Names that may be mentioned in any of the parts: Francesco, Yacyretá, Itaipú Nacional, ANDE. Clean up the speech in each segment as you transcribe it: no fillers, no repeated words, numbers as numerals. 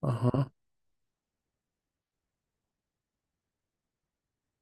Ajá.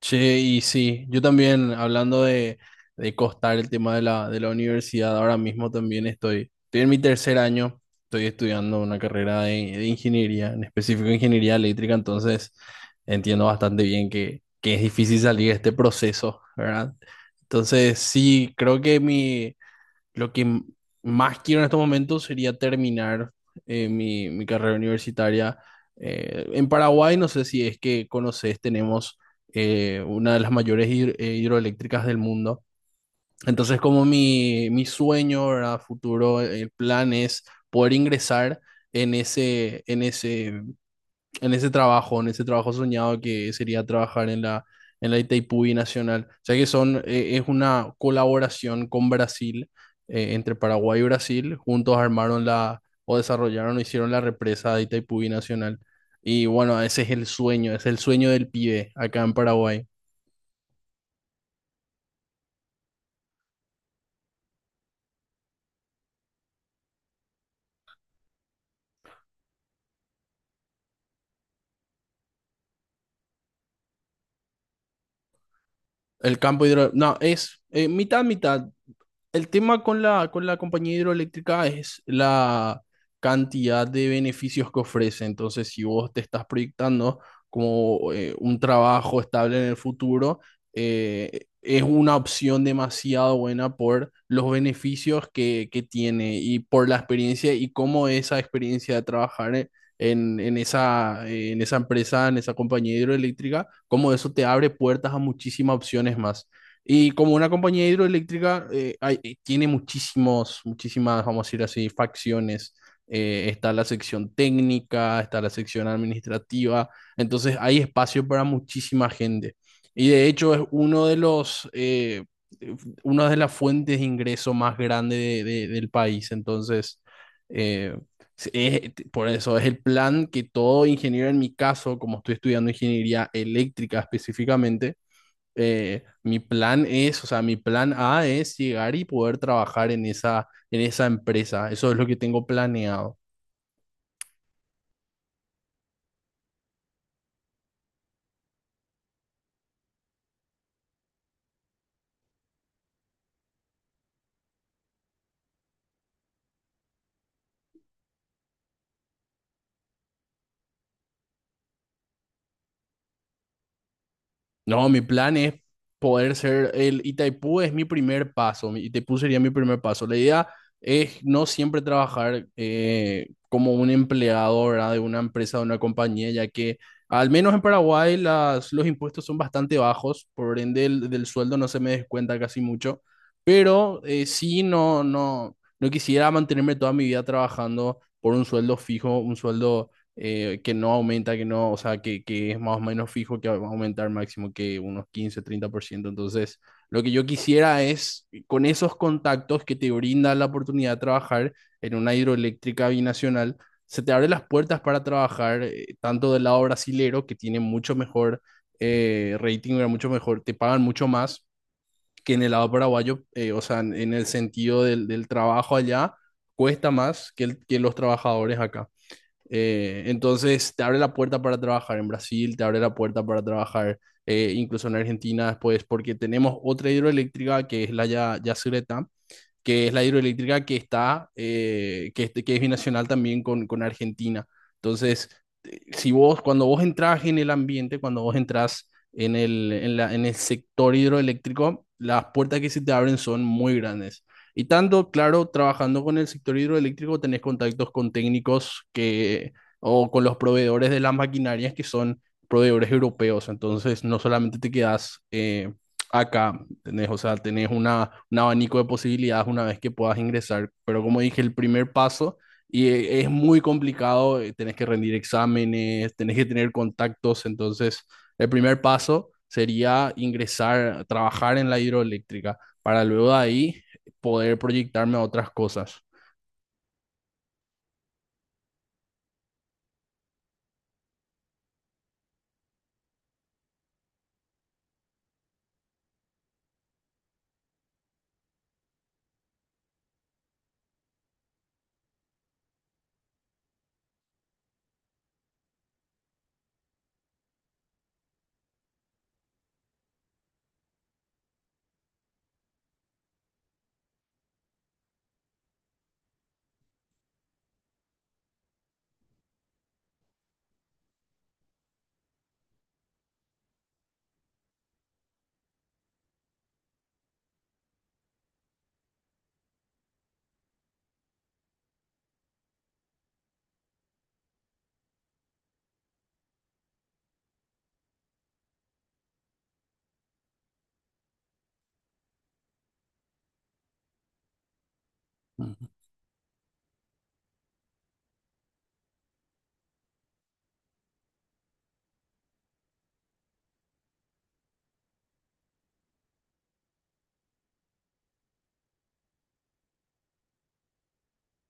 Che, y sí, yo también, hablando de costar el tema de la universidad, ahora mismo también estoy en mi tercer año, estoy estudiando una carrera de ingeniería, en específico ingeniería eléctrica, entonces entiendo bastante bien que es difícil salir de este proceso, ¿verdad? Entonces, sí, lo que más quiero en estos momentos sería terminar mi carrera universitaria. En Paraguay, no sé si es que conoces, tenemos una de las mayores hidroeléctricas del mundo. Entonces, como mi sueño, ¿verdad? Futuro, el plan es poder ingresar en ese, en ese en ese trabajo, en ese trabajo soñado que sería trabajar en la Itaipú Nacional. O sea que es una colaboración con Brasil, entre Paraguay y Brasil. Juntos armaron o desarrollaron o hicieron la represa de Itaipú Nacional. Y bueno, ese es el sueño del pibe acá en Paraguay. El campo hidro... No, es mitad, mitad. El tema con la compañía hidroeléctrica es la cantidad de beneficios que ofrece. Entonces, si vos te estás proyectando como un trabajo estable en el futuro, es una opción demasiado buena por los beneficios que tiene y por la experiencia y cómo esa experiencia de trabajar en esa empresa, en esa compañía hidroeléctrica, cómo eso te abre puertas a muchísimas opciones más. Y como una compañía hidroeléctrica, tiene muchísimas, vamos a decir así, facciones. Está la sección técnica, está la sección administrativa, entonces hay espacio para muchísima gente. Y de hecho es eh, una de las fuentes de ingreso más grande del país. Entonces, eh, por eso es el plan que todo ingeniero, en mi caso, como estoy estudiando ingeniería eléctrica específicamente, mi plan es, o sea, mi plan A es llegar y poder trabajar en esa empresa. Eso es lo que tengo planeado. No, mi plan es poder ser el Itaipú es mi primer paso, mi Itaipú sería mi primer paso. La idea es no siempre trabajar como un empleado, ¿verdad? De una empresa, de una compañía, ya que al menos en Paraguay los impuestos son bastante bajos, por ende del sueldo no se me descuenta casi mucho, pero sí, no quisiera mantenerme toda mi vida trabajando por un sueldo fijo, un sueldo que no aumenta, que no, o sea, que es más o menos fijo que va a aumentar máximo que unos 15, 30%. Entonces, lo que yo quisiera es, con esos contactos que te brinda la oportunidad de trabajar en una hidroeléctrica binacional, se te abren las puertas para trabajar tanto del lado brasilero, que tiene mucho mejor rating, era mucho mejor, te pagan mucho más que en el lado paraguayo, o sea, en el sentido del trabajo allá, cuesta más que los trabajadores acá. Entonces te abre la puerta para trabajar en Brasil, te abre la puerta para trabajar incluso en Argentina después, porque tenemos otra hidroeléctrica que es la Yacyretá, que es la hidroeléctrica que es binacional también con Argentina. Entonces, si vos, cuando vos entras en el ambiente, cuando vos entras en el sector hidroeléctrico, las puertas que se te abren son muy grandes. Y tanto, claro, trabajando con el sector hidroeléctrico tenés contactos con técnicos o con los proveedores de las maquinarias que son proveedores europeos. Entonces, no solamente te quedas acá. ¿Entendés? O sea, tenés un abanico de posibilidades una vez que puedas ingresar, pero como dije, el primer paso es muy complicado, tenés que rendir exámenes, tenés que tener contactos, entonces el primer paso sería ingresar, trabajar en la hidroeléctrica para luego de ahí poder proyectarme a otras cosas.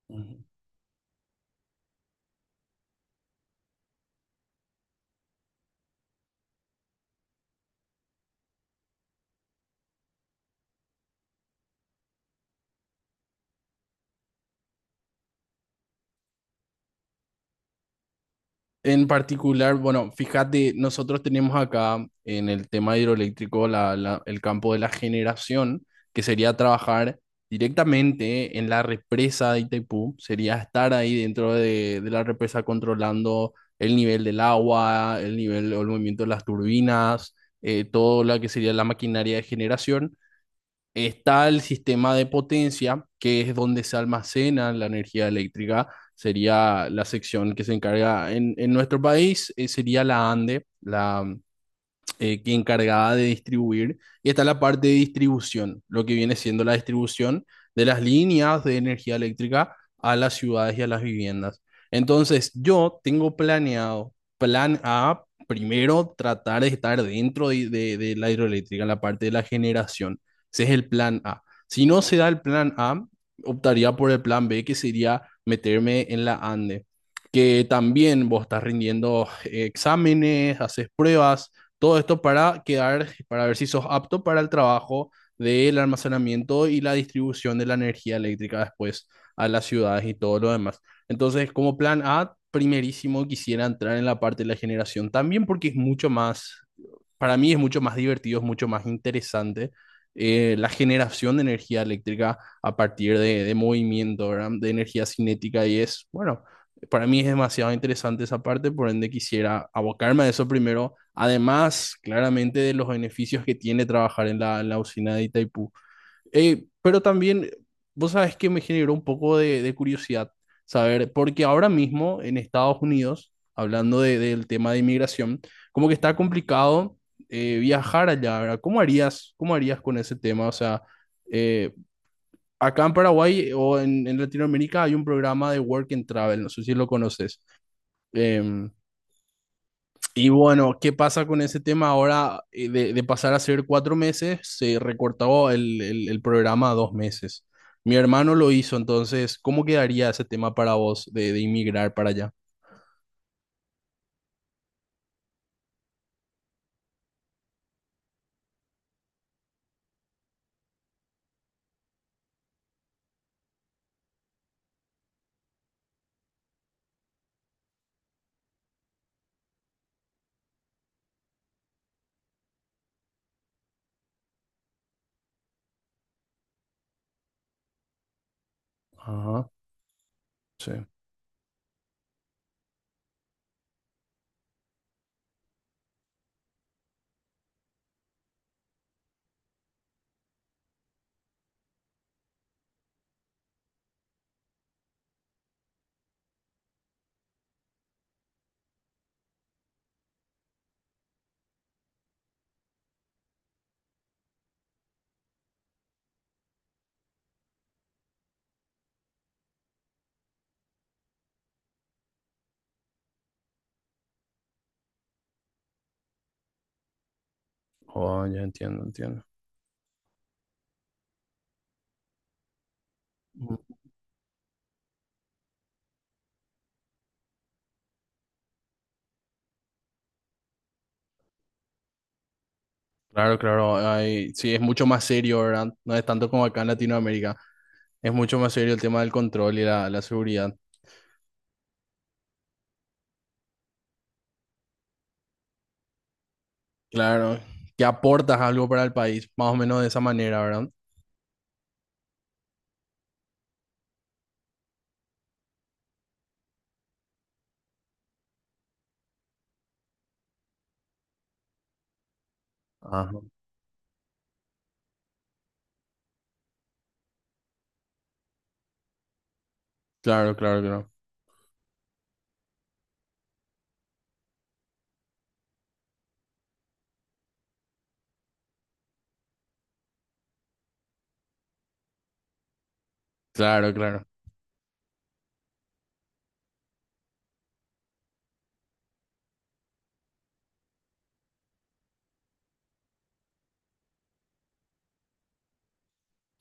Ujú. En particular, bueno, fíjate, nosotros tenemos acá en el tema hidroeléctrico el campo de la generación, que sería trabajar directamente en la represa de Itaipú, sería estar ahí dentro de la represa controlando el nivel del agua, el nivel o el movimiento de las turbinas, todo lo que sería la maquinaria de generación. Está el sistema de potencia, que es donde se almacena la energía eléctrica. Sería la sección que se encarga en nuestro país, sería la ANDE, la que encargaba de distribuir. Y está la parte de distribución, lo que viene siendo la distribución de las líneas de energía eléctrica a las ciudades y a las viviendas. Entonces, yo tengo planeado, plan A, primero tratar de estar dentro de la hidroeléctrica en la parte de la generación. Ese es el plan A. Si no se da el plan A, optaría por el plan B, que sería meterme en la ANDE, que también vos estás rindiendo exámenes, haces pruebas, todo esto para quedar, para ver si sos apto para el trabajo del almacenamiento y la distribución de la energía eléctrica después a las ciudades y todo lo demás. Entonces, como plan A, primerísimo quisiera entrar en la parte de la generación también porque es mucho más, para mí es mucho más divertido, es mucho más interesante la generación de energía eléctrica a partir de movimiento, ¿verdad? De energía cinética y es, bueno, para mí es demasiado interesante esa parte, por ende quisiera abocarme a eso primero. Además, claramente de los beneficios que tiene trabajar en la usina de Itaipú. Pero también, vos sabes que me generó un poco de curiosidad saber, porque ahora mismo en Estados Unidos, hablando del tema de inmigración, como que está complicado viajar allá, ¿verdad? ¿Cómo harías con ese tema? O sea, eh, acá en Paraguay o en Latinoamérica hay un programa de Work and Travel, no sé si lo conoces. Em, y bueno, ¿qué pasa con ese tema ahora de pasar a ser 4 meses? Se recortó el programa a 2 meses. Mi hermano lo hizo, entonces, ¿cómo quedaría ese tema para vos de inmigrar para allá? Ajá, sí. Oh, ya entiendo, entiendo. Ujú. Claro, claro. Hay, sí, es mucho más serio, ¿verdad? No es tanto como acá en Latinoamérica. Es mucho más serio el tema del control y la seguridad. Claro. Que aportas algo para el país, más o menos de esa manera, ¿verdad? Ajá. Claro, claro, claro. Claro, claro.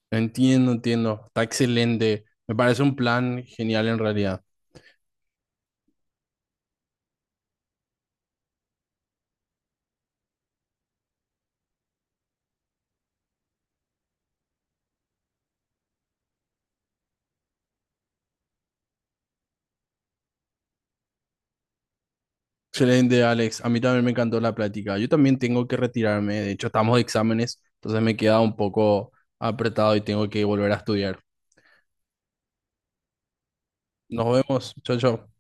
Entiendo, entiendo. Está excelente. Me parece un plan genial en realidad. Excelente, Alex. A mí también me encantó la plática. Yo también tengo que retirarme. De hecho, estamos de exámenes, entonces me queda un poco apretado y tengo que volver a estudiar. Nos vemos. Chao, chao.